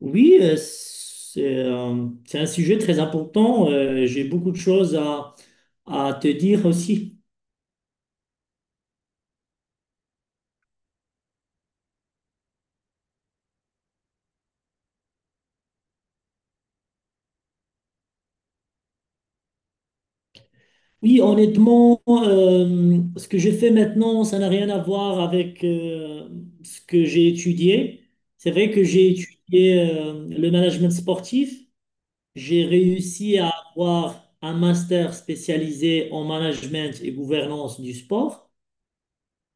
Oui, c'est c'est un sujet très important. J'ai beaucoup de choses à te dire aussi. Oui, honnêtement, ce que je fais maintenant, ça n'a rien à voir avec ce que j'ai étudié. C'est vrai que j'ai étudié le management sportif. J'ai réussi à avoir un master spécialisé en management et gouvernance du sport.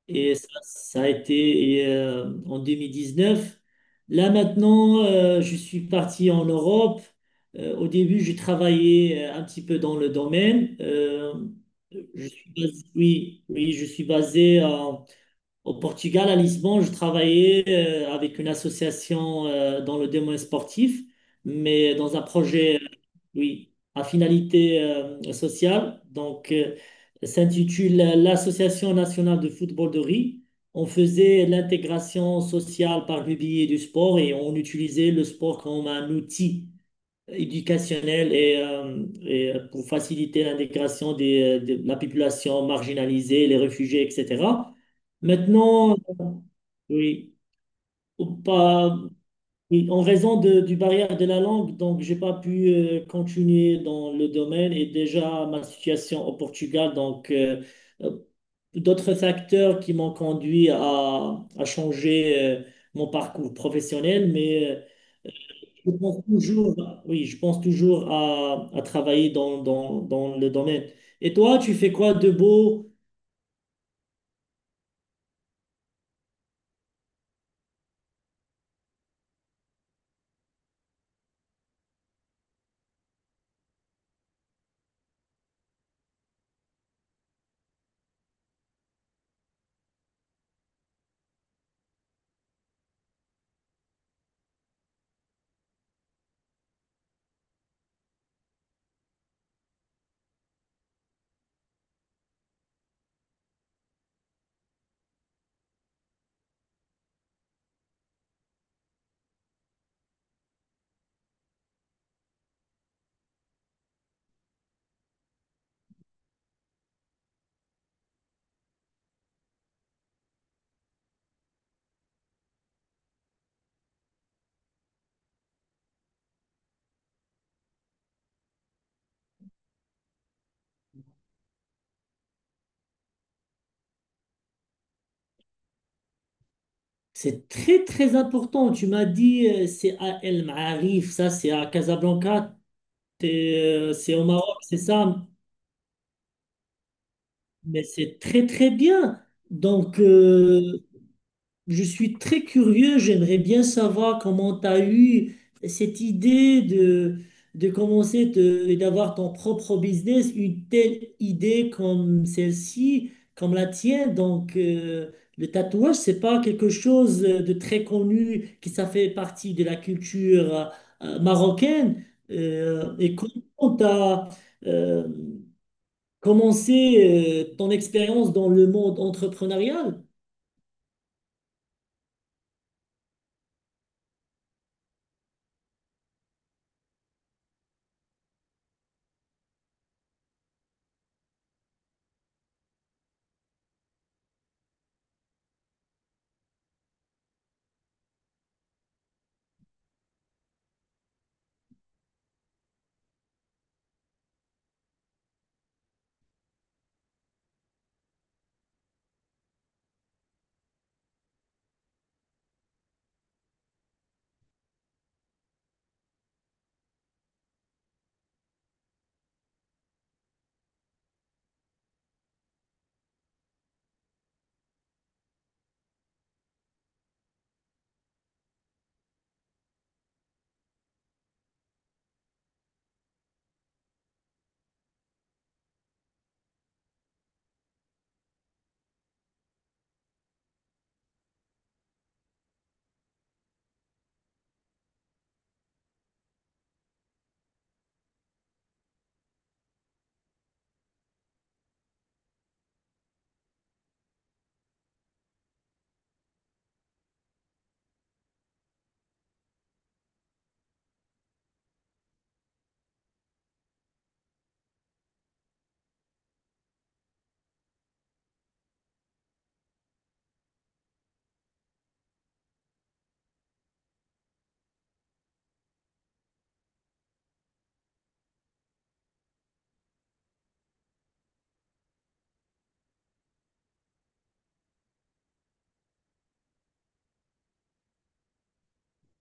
Et ça a été et, en neuf. Là maintenant, je suis parti en Europe. Au début, j'ai travaillé un petit peu dans le domaine. Je suis basé, oui, oui, je suis basé à au Portugal, à Lisbonne, je travaillais avec une association dans le domaine sportif, mais dans un projet, oui, à finalité sociale. Donc, s'intitule l'Association nationale de football de riz. On faisait l'intégration sociale par le biais du sport et on utilisait le sport comme un outil éducationnelle et pour faciliter l'intégration de la population marginalisée, les réfugiés, etc. Maintenant, oui, ou pas, oui, en raison du barrière de la langue, donc j'ai pas pu continuer dans le domaine et déjà ma situation au Portugal, donc euh, d'autres facteurs qui m'ont conduit à changer mon parcours professionnel, mais je pense toujours, oui, je pense toujours à travailler dans le domaine. Et toi, tu fais quoi de beau? C'est très, très important. Tu m'as dit, c'est à El Maarif, ça, c'est à Casablanca, t'es, c'est au Maroc, c'est ça. Mais c'est très, très bien. Donc, je suis très curieux, j'aimerais bien savoir comment tu as eu cette idée de commencer d'avoir ton propre business, une telle idée comme celle-ci, comme la tienne. Donc, le tatouage, c'est pas quelque chose de très connu qui ça fait partie de la culture marocaine. Et comment tu as, commencer ton expérience dans le monde entrepreneurial?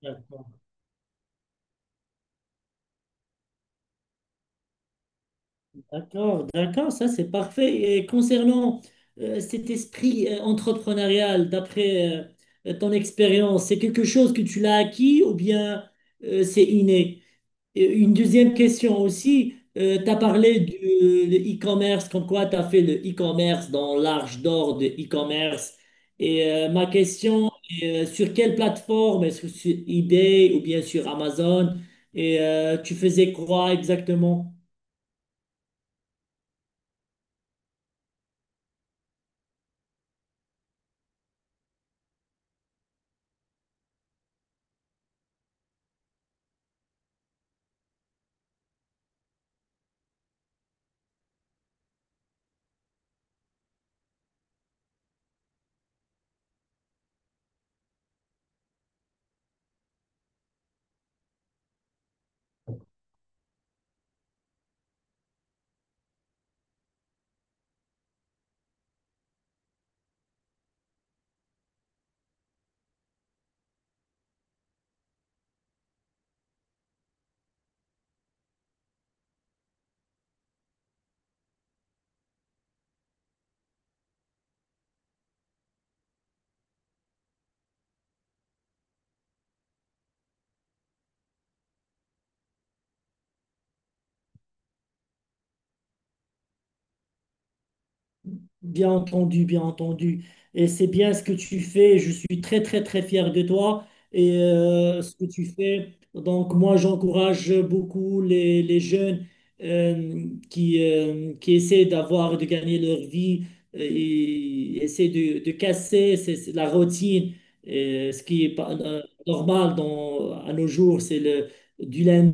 D'accord, d'accord, d'accord, ça c'est parfait. Et concernant cet esprit entrepreneurial, d'après ton expérience, c'est quelque chose que tu l'as acquis ou bien c'est inné? Et une deuxième question aussi, tu as parlé du de e-commerce, comme quoi tu as fait le e-commerce dans l'arche d'or de e-commerce. Et ma question est, sur quelle plateforme? Est-ce que sur eBay ou bien sur Amazon? Et tu faisais quoi exactement? Bien entendu, bien entendu. Et c'est bien ce que tu fais. Je suis très, très, très fier de toi et ce que tu fais. Donc, moi, j'encourage beaucoup les jeunes qui essaient d'avoir, de gagner leur vie et essaient de casser la routine. Et ce qui est pas, normal dans, à nos jours, c'est du lundi.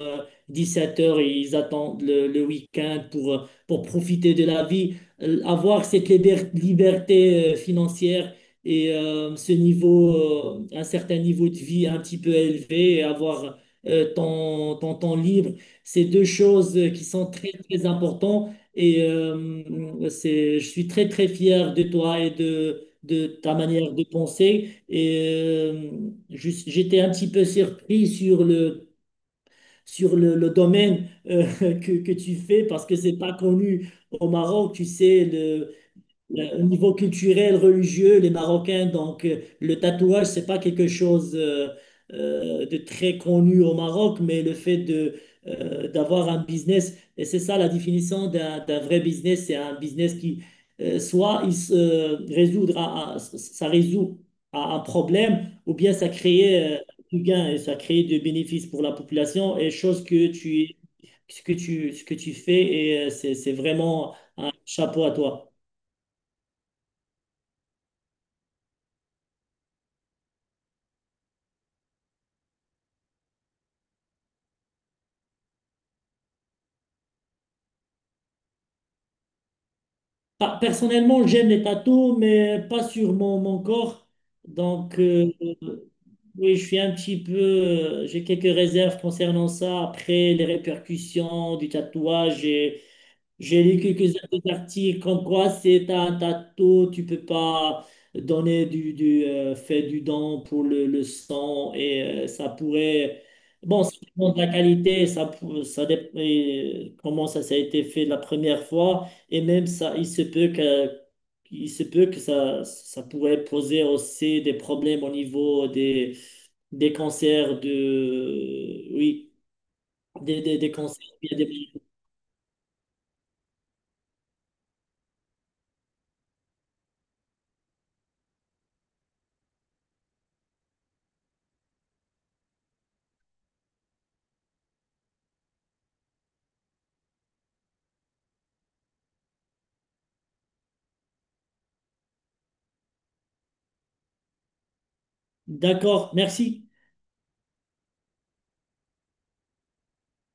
17 heures ils attendent le week-end pour profiter de la vie. Avoir cette liberté financière et ce niveau, un certain niveau de vie un petit peu élevé et avoir ton temps libre, c'est deux choses qui sont très, très importantes. Et c'est, je suis très, très fier de toi et de ta manière de penser. Et j'étais un petit peu surpris sur le domaine que tu fais parce que c'est pas connu au Maroc. Tu sais, au niveau culturel, religieux, les Marocains, donc le tatouage, c'est pas quelque chose de très connu au Maroc, mais le fait de d'avoir un business, et c'est ça la définition d'un vrai business, c'est un business qui soit il se résoudre ça résout à un problème, ou bien ça crée du gain et ça crée du bénéfice pour la population, et chose que tu ce que tu ce que tu fais et c'est vraiment un chapeau à toi. Personnellement, j'aime les tatous, mais pas sur mon corps. Donc, oui, je suis un petit peu. J'ai quelques réserves concernant ça. Après, les répercussions du tatouage et j'ai lu quelques articles comme quoi c'est un tatou, tu peux pas donner du fait du don pour le sang et ça pourrait. Bon, ça dépend de la qualité, ça, et comment ça, ça a été fait la première fois et même ça, il se peut que ça, ça pourrait poser aussi des problèmes au niveau des cancers de. Oui, des cancers. D'accord, merci.